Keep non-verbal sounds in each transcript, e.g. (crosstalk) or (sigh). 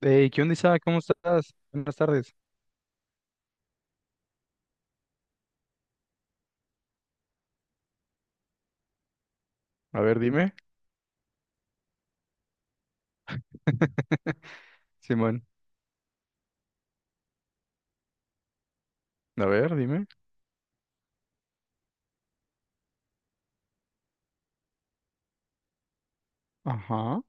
Hey, ¿qué onda, Isaac? ¿Cómo estás? Buenas tardes. A ver, dime. (laughs) Simón, a ver, dime. Ajá.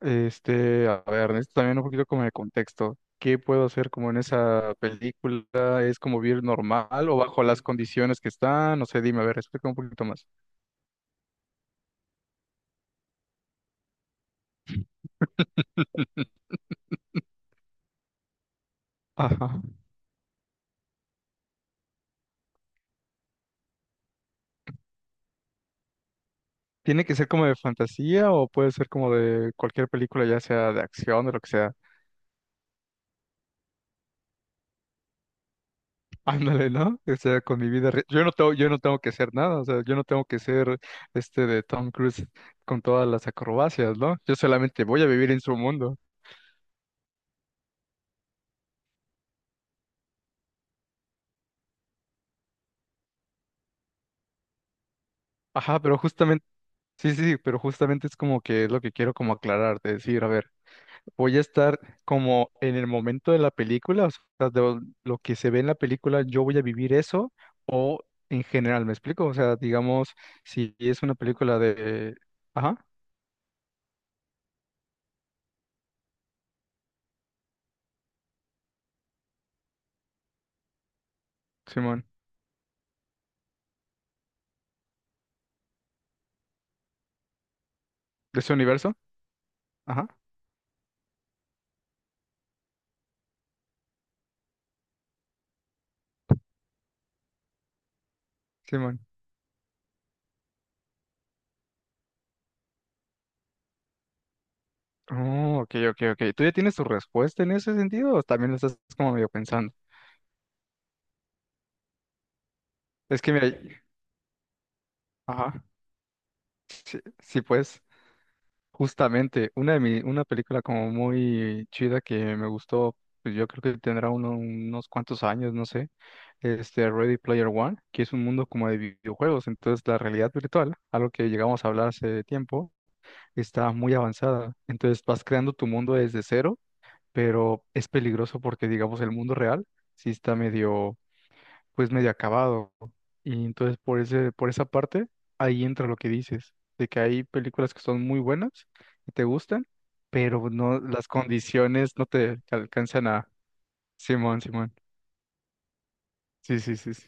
Este, a ver, necesito también un poquito como de contexto. ¿Qué puedo hacer como en esa película? ¿Es como vivir normal o bajo las condiciones que están? No sé, dime, a ver, explica un poquito más. (laughs) Ajá. ¿Tiene que ser como de fantasía o puede ser como de cualquier película, ya sea de acción, de lo que sea? Ándale, ¿no? O sea, con mi vida, yo no tengo que hacer nada, o sea, yo no tengo que ser este de Tom Cruise con todas las acrobacias, ¿no? Yo solamente voy a vivir en su mundo. Ajá, pero justamente, sí, sí, sí, pero justamente es como que es lo que quiero como aclarar, de decir, a ver, voy a estar como en el momento de la película, o sea, de lo que se ve en la película, yo voy a vivir eso, o en general, ¿me explico? O sea, digamos, si es una película de, ajá, Simón, de ese universo, ajá, Simón. Oh, ok, ok, ok. ¿Tú ya tienes tu respuesta en ese sentido o también lo estás como medio pensando? Es que mira, ajá, sí, pues, justamente, una película como muy chida que me gustó, pues yo creo que tendrá unos cuantos años, no sé, este Ready Player One, que es un mundo como de videojuegos, entonces la realidad virtual, algo que llegamos a hablar hace tiempo, está muy avanzada. Entonces vas creando tu mundo desde cero, pero es peligroso porque digamos el mundo real sí está medio pues medio acabado. Y entonces por esa parte, ahí entra lo que dices, de que hay películas que son muy buenas y te gustan, pero no, las condiciones no te alcanzan a. Simón, Simón. Sí, sí, sí, sí.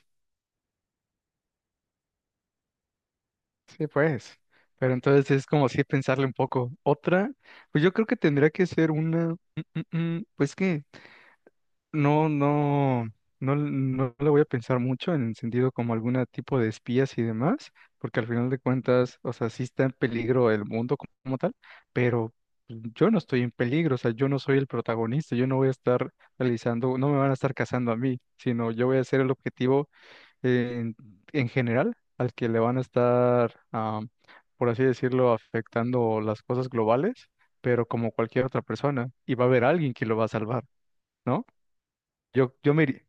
Sí, pues. Pero entonces es como si pensarle un poco. Otra, pues yo creo que tendría que ser una, pues que. No, no, no, no le voy a pensar mucho en el sentido como algún tipo de espías y demás, porque al final de cuentas, o sea, sí está en peligro el mundo como tal, pero yo no estoy en peligro, o sea, yo no soy el protagonista, yo no voy a estar realizando, no me van a estar cazando a mí, sino yo voy a ser el objetivo en, en general al que le van a estar, ah, por así decirlo, afectando las cosas globales, pero como cualquier otra persona, y va a haber alguien que lo va a salvar, ¿no? Yo, yo me, iri-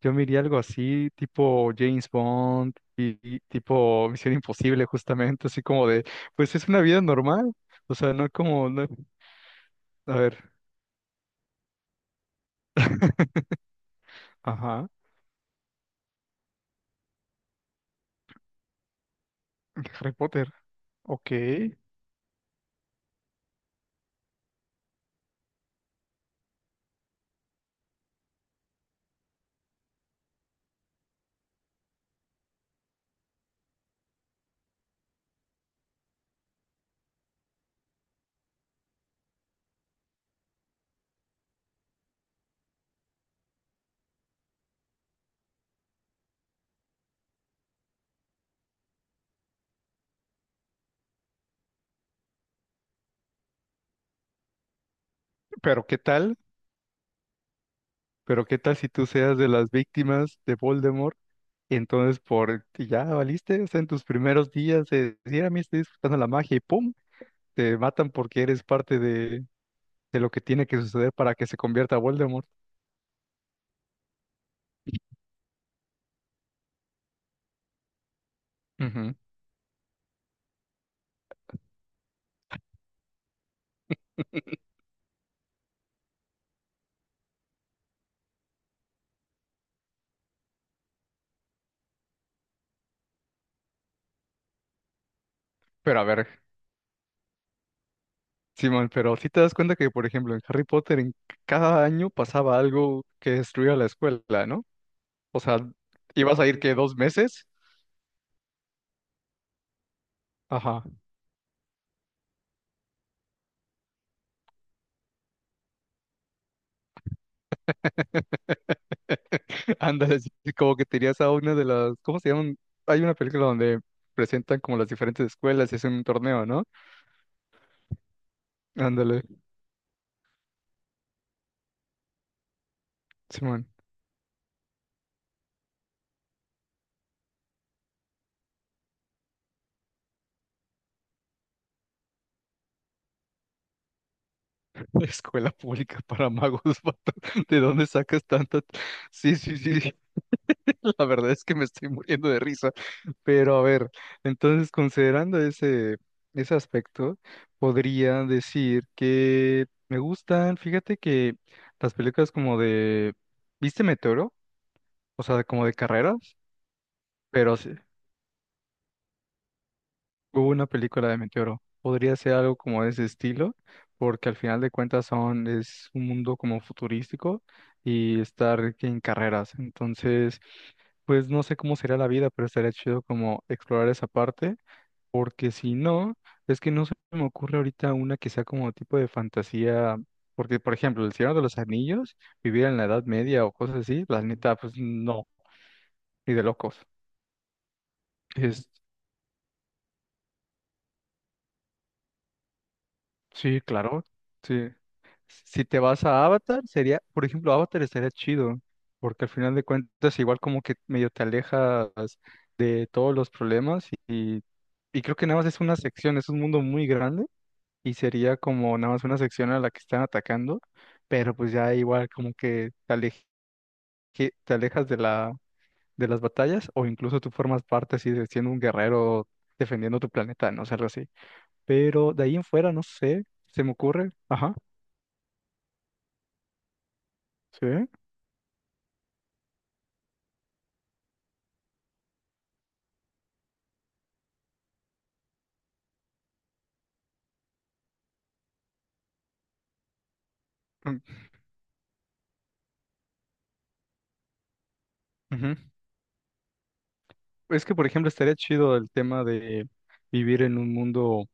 yo me iría algo así, tipo James Bond y, tipo Misión Imposible, justamente, así como de, pues es una vida normal, o sea, no como, a ver. (laughs) Ajá. Harry Potter. Ok, pero ¿qué tal? Pero ¿qué tal si tú seas de las víctimas de Voldemort? Entonces, y ya valiste, o sea, en tus primeros días de decir, a mí estoy disfrutando la magia y ¡pum! Te matan porque eres parte de lo que tiene que suceder para que se convierta a Voldemort. Ujú. Pero a ver, Simón, pero si te das cuenta que, por ejemplo, en Harry Potter en cada año pasaba algo que destruía la escuela, ¿no? O sea, ibas a ir que 2 meses. Ajá. (laughs) Ándale, sí, como que tenías a una de las, ¿cómo se llaman? Hay una película donde presentan como las diferentes escuelas y hacen un torneo, ¿no? Ándale, Simón, (laughs) escuela pública para magos, (laughs) vato, ¿de dónde sacas tantas? Sí, sí, sí, (laughs) la verdad es que me estoy muriendo de risa, pero a ver, entonces considerando ese aspecto, podría decir que me gustan, fíjate que las películas como de, ¿viste Meteoro? O sea, como de carreras, pero sí, hubo una película de Meteoro. Podría ser algo como de ese estilo, porque al final de cuentas es un mundo como futurístico y estar en carreras. Entonces, pues no sé cómo sería la vida, pero estaría chido como explorar esa parte. Porque si no, es que no se me ocurre ahorita una que sea como tipo de fantasía, porque por ejemplo, El Señor de los Anillos, vivir en la Edad Media o cosas así, la neta, pues no, y de locos. Es, sí, claro, sí. Si te vas a Avatar, sería, por ejemplo, Avatar estaría chido, porque al final de cuentas igual como que medio te alejas de todos los problemas y, creo que nada más es una sección, es un mundo muy grande y sería como nada más una sección a la que están atacando, pero pues ya igual como que te alejas de las batallas o incluso tú formas parte así de siendo un guerrero defendiendo tu planeta, no sé, algo así. Pero de ahí en fuera, no sé, se me ocurre, ajá, sí. Mm, ujú. Es que, por ejemplo, estaría chido el tema de vivir en un mundo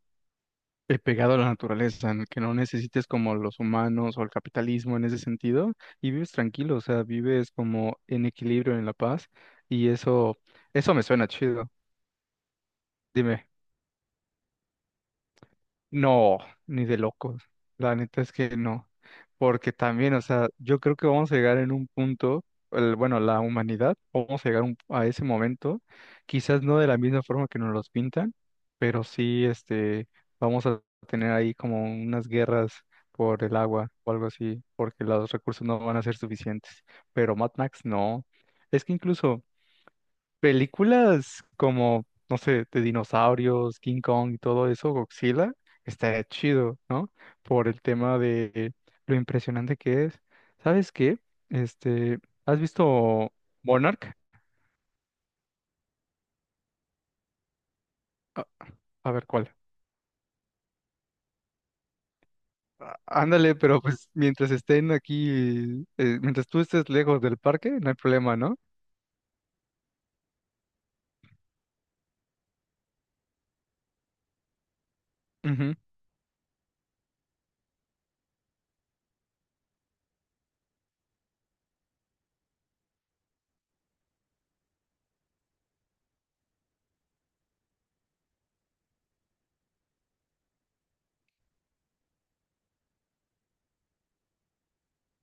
pegado a la naturaleza, en el que no necesites como los humanos o el capitalismo en ese sentido, y vives tranquilo, o sea, vives como en equilibrio, en la paz, y eso me suena chido. Dime. No, ni de locos. La neta es que no. Porque también, o sea, yo creo que vamos a llegar en un punto, bueno, la humanidad, vamos a llegar a ese momento, quizás no de la misma forma que nos los pintan, pero sí, este, vamos a tener ahí como unas guerras por el agua o algo así, porque los recursos no van a ser suficientes. Pero Mad Max no. Es que incluso. Películas como, no sé, de dinosaurios, King Kong y todo eso, Godzilla, estaría chido, ¿no? Por el tema de lo impresionante que es. ¿Sabes qué? Este, ¿has visto Monarch? A, a ver cuál. Ándale, pero pues mientras estén aquí, mientras tú estés lejos del parque, no hay problema, ¿no? Ujú.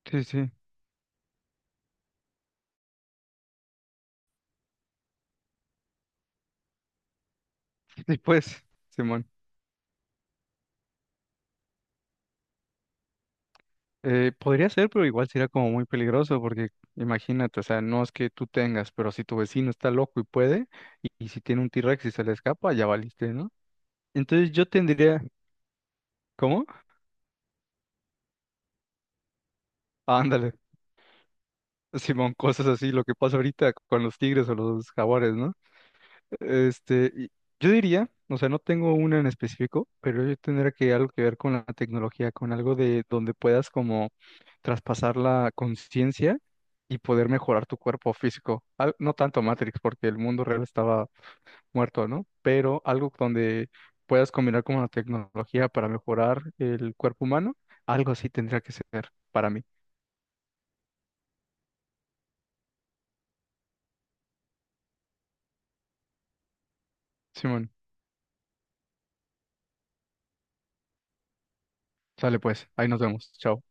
Sí, sí. Y pues, Simón. Podría ser, pero igual sería como muy peligroso, porque imagínate, o sea, no es que tú tengas, pero si tu vecino está loco y puede, y si tiene un T-Rex y se le escapa, ya valiste, ¿no? Entonces yo tendría, ¿cómo? Ándale, (laughs) Simón, cosas así, lo que pasa ahorita con los tigres o los jaguares, ¿no? Este, y yo diría, o sea, no tengo una en específico, pero yo tendría que algo que ver con la tecnología, con algo de donde puedas como traspasar la conciencia y poder mejorar tu cuerpo físico. No tanto Matrix, porque el mundo real estaba muerto, ¿no? Pero algo donde puedas combinar como la tecnología para mejorar el cuerpo humano, algo así tendría que ser para mí. Simón, sale pues, ahí nos vemos. Chao.